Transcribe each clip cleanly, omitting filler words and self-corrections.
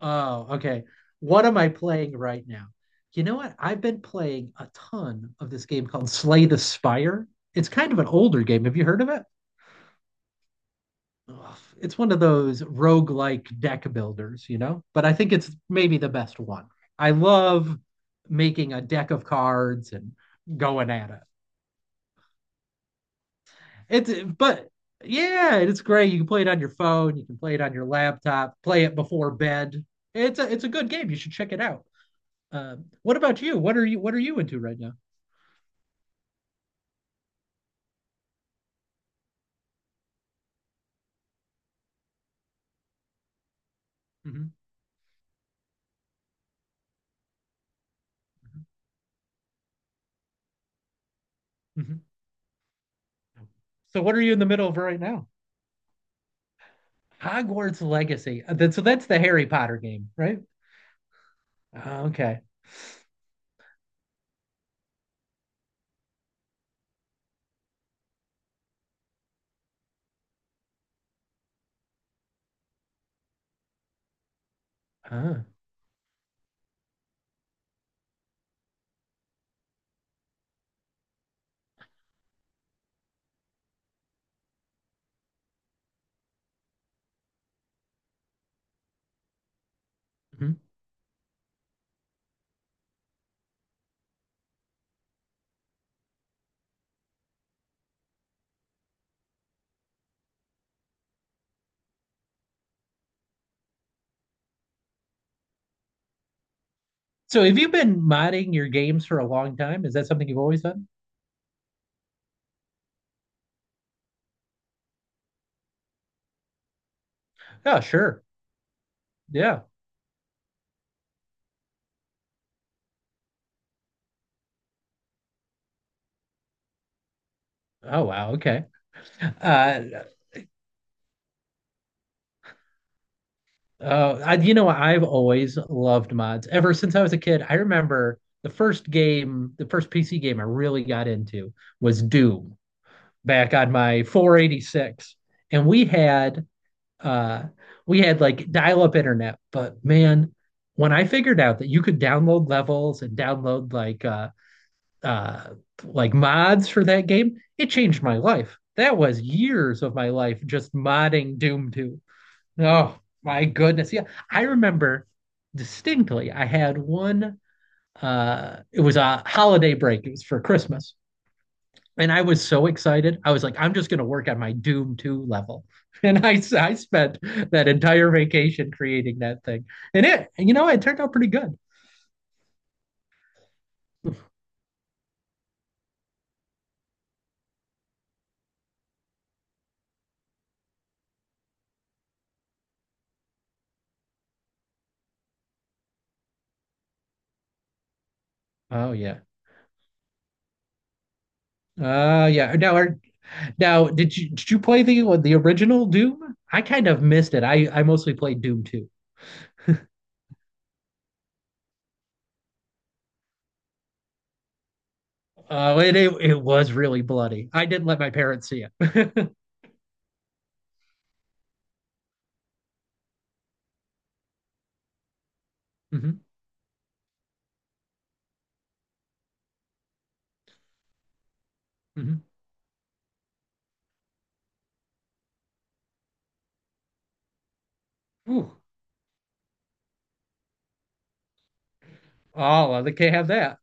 Oh, okay. What am I playing right now? You know what? I've been playing a ton of this game called Slay the Spire. It's kind of an older game. Have you heard of it? It's one of those roguelike deck builders, you know? But I think it's maybe the best one. I love making a deck of cards and going at it. It's but yeah, it's great. You can play it on your phone, you can play it on your laptop, play it before bed. It's a good game. You should check it out. Uh, what about you? What are you into right now? Mm-hmm. Mm-hmm. So what are you in the middle of right now? Hogwarts Legacy. So that's the Harry Potter game, right? Ah, okay. Ah. Mhm. So have you been modding your games for a long time? Is that something you've always done? Oh, sure. Yeah. Oh, wow. Okay. Uh, I, you know, I've always loved mods ever since I was a kid. I remember the first game, the first PC game I really got into was Doom, back on my 486, and uh, we had like dial-up internet. But man, when I figured out that you could download levels and download uh, like mods for that game, it changed my life. That was years of my life just modding Doom 2. Oh my goodness. Yeah. I remember distinctly I had one, it was a holiday break. It was for Christmas. And I was so excited. I was like, I'm just going to work on my Doom 2 level. And I spent that entire vacation creating that thing. And it, you know, it turned out pretty good. Oh yeah. Yeah. Now did you play the original Doom? I kind of missed it. I mostly played Doom 2. Oh, it was really bloody. I didn't let my parents see it. hmm hmm Ooh. Oh, well, they can't have that.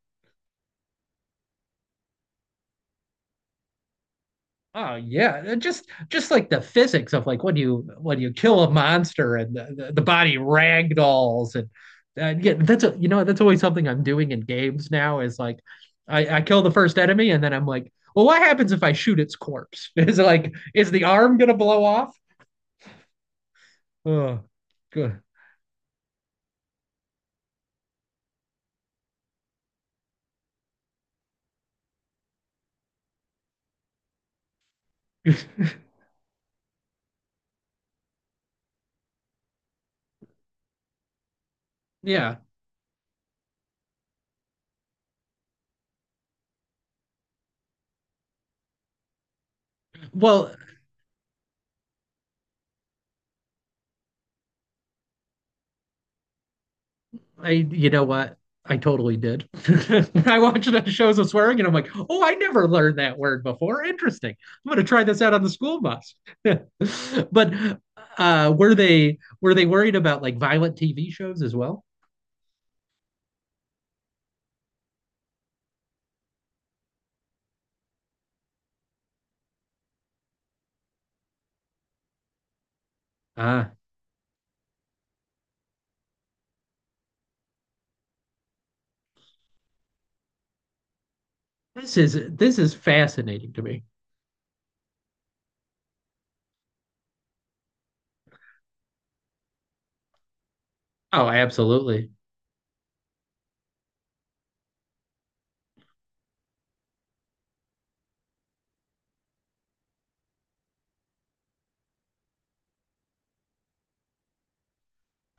Oh yeah. Just like the physics of like when you kill a monster and the body ragdolls and yeah, that's a, you know, that's always something I'm doing in games now is like I kill the first enemy and then I'm like, well, what happens if I shoot its corpse? Is it like is the arm gonna blow off? Oh, good. Yeah. Well, I, you know what? I totally did. I watched enough shows of swearing and I'm like, oh, I never learned that word before. Interesting. I'm going to try this out on the school bus. But were they worried about like violent TV shows as well? Ah, uh, this is fascinating to me. Oh, absolutely.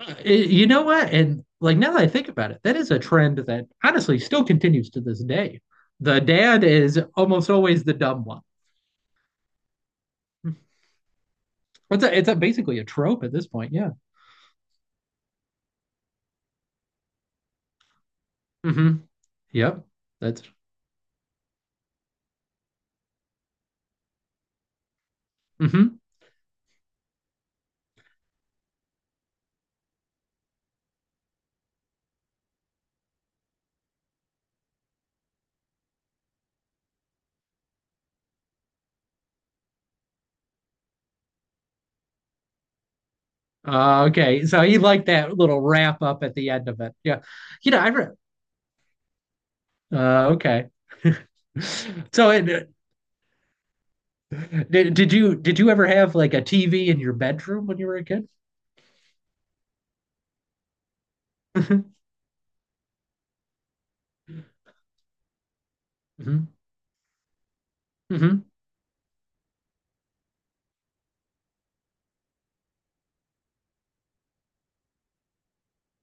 You know what? And like now that I think about it, that is a trend that honestly still continues to this day. The dad is almost always the dumb one. It's a basically a trope at this point. Yeah. hmm Yep. That's hmm okay. So he liked that little wrap up at the end of it. Yeah. You know, I re okay. So it, did you ever have like a TV in your bedroom when you were a kid? hmm hmm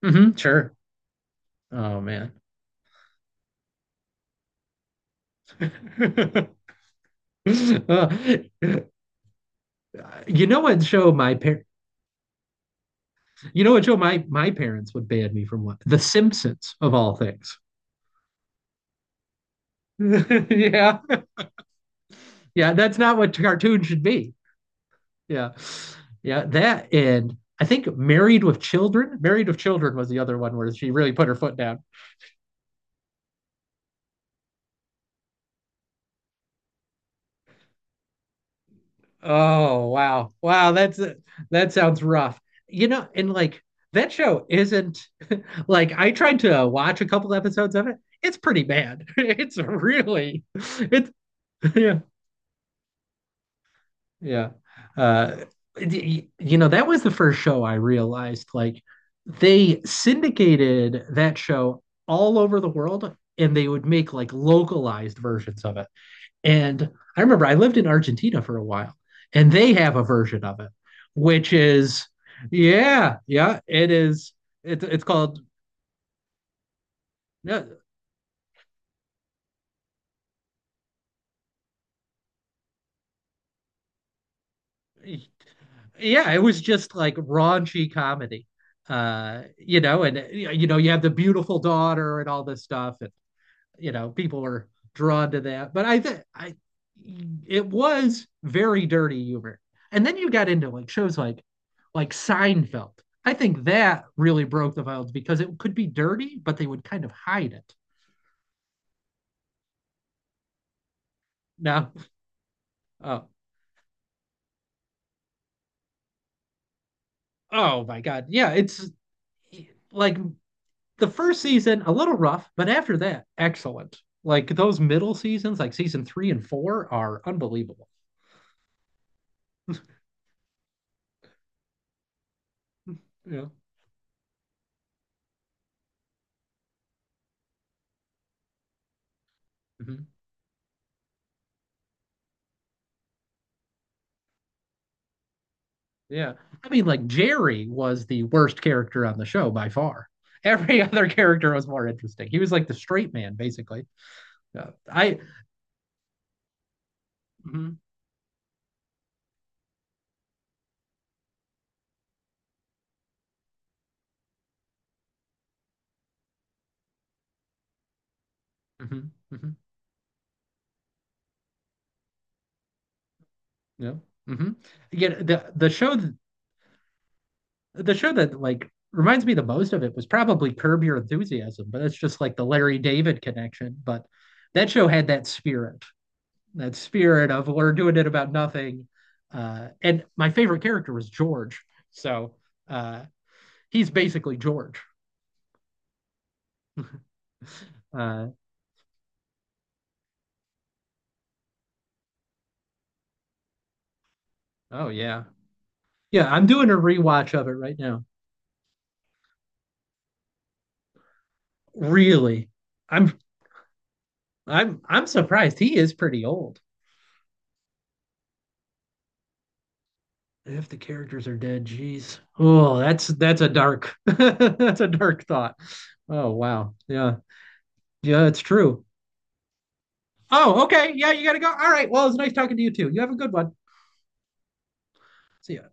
hmm Sure. Oh man. Uh, you know what show my par you know what show my parents would ban me from? What? The Simpsons of all things. Yeah. Yeah, that's not what cartoon should be. Yeah. Yeah. That and I think Married with Children. Married with Children was the other one where she really put her foot down. Oh, wow. Wow. That's that sounds rough. You know, and like that show isn't like I tried to watch a couple episodes of it. It's pretty bad. It's really it's Yeah. Yeah. Uh, you know, that was the first show I realized like they syndicated that show all over the world and they would make like localized versions of it. And I remember I lived in Argentina for a while and they have a version of it, which is, yeah, yeah, it is. It's, it's called, yeah, yeah, it was just like raunchy comedy. You know, and you know, you have the beautiful daughter and all this stuff, you know people are drawn to that. But I think I it was very dirty humor. And then you got into like shows like Seinfeld. I think that really broke the violence because it could be dirty, but they would kind of hide it. Now, oh, oh my God. Yeah, it's like the first season, a little rough, but after that, excellent. Like those middle seasons, like season three and four, are unbelievable. Yeah. Mm-hmm. Yeah. I mean, like Jerry was the worst character on the show by far. Every other character was more interesting. He was like the straight man, basically. Uh, I, mhm, mhm, mhm, yeah, mhm. Yeah, the show that like reminds me the most of it was probably Curb Your Enthusiasm, but it's just like the Larry David connection. But that show had that spirit of we're doing it about nothing. And my favorite character was George, so uh, he's basically George. Uh, oh yeah, yeah. I'm doing a rewatch of it right now. Really, I'm I'm surprised. He is pretty old. If the characters are dead, geez. Oh, that's a dark that's a dark thought. Oh wow, yeah, yeah, it's true. Oh, okay, yeah, you gotta go. All right. Well, it's nice talking to you too. You have a good one. See ya.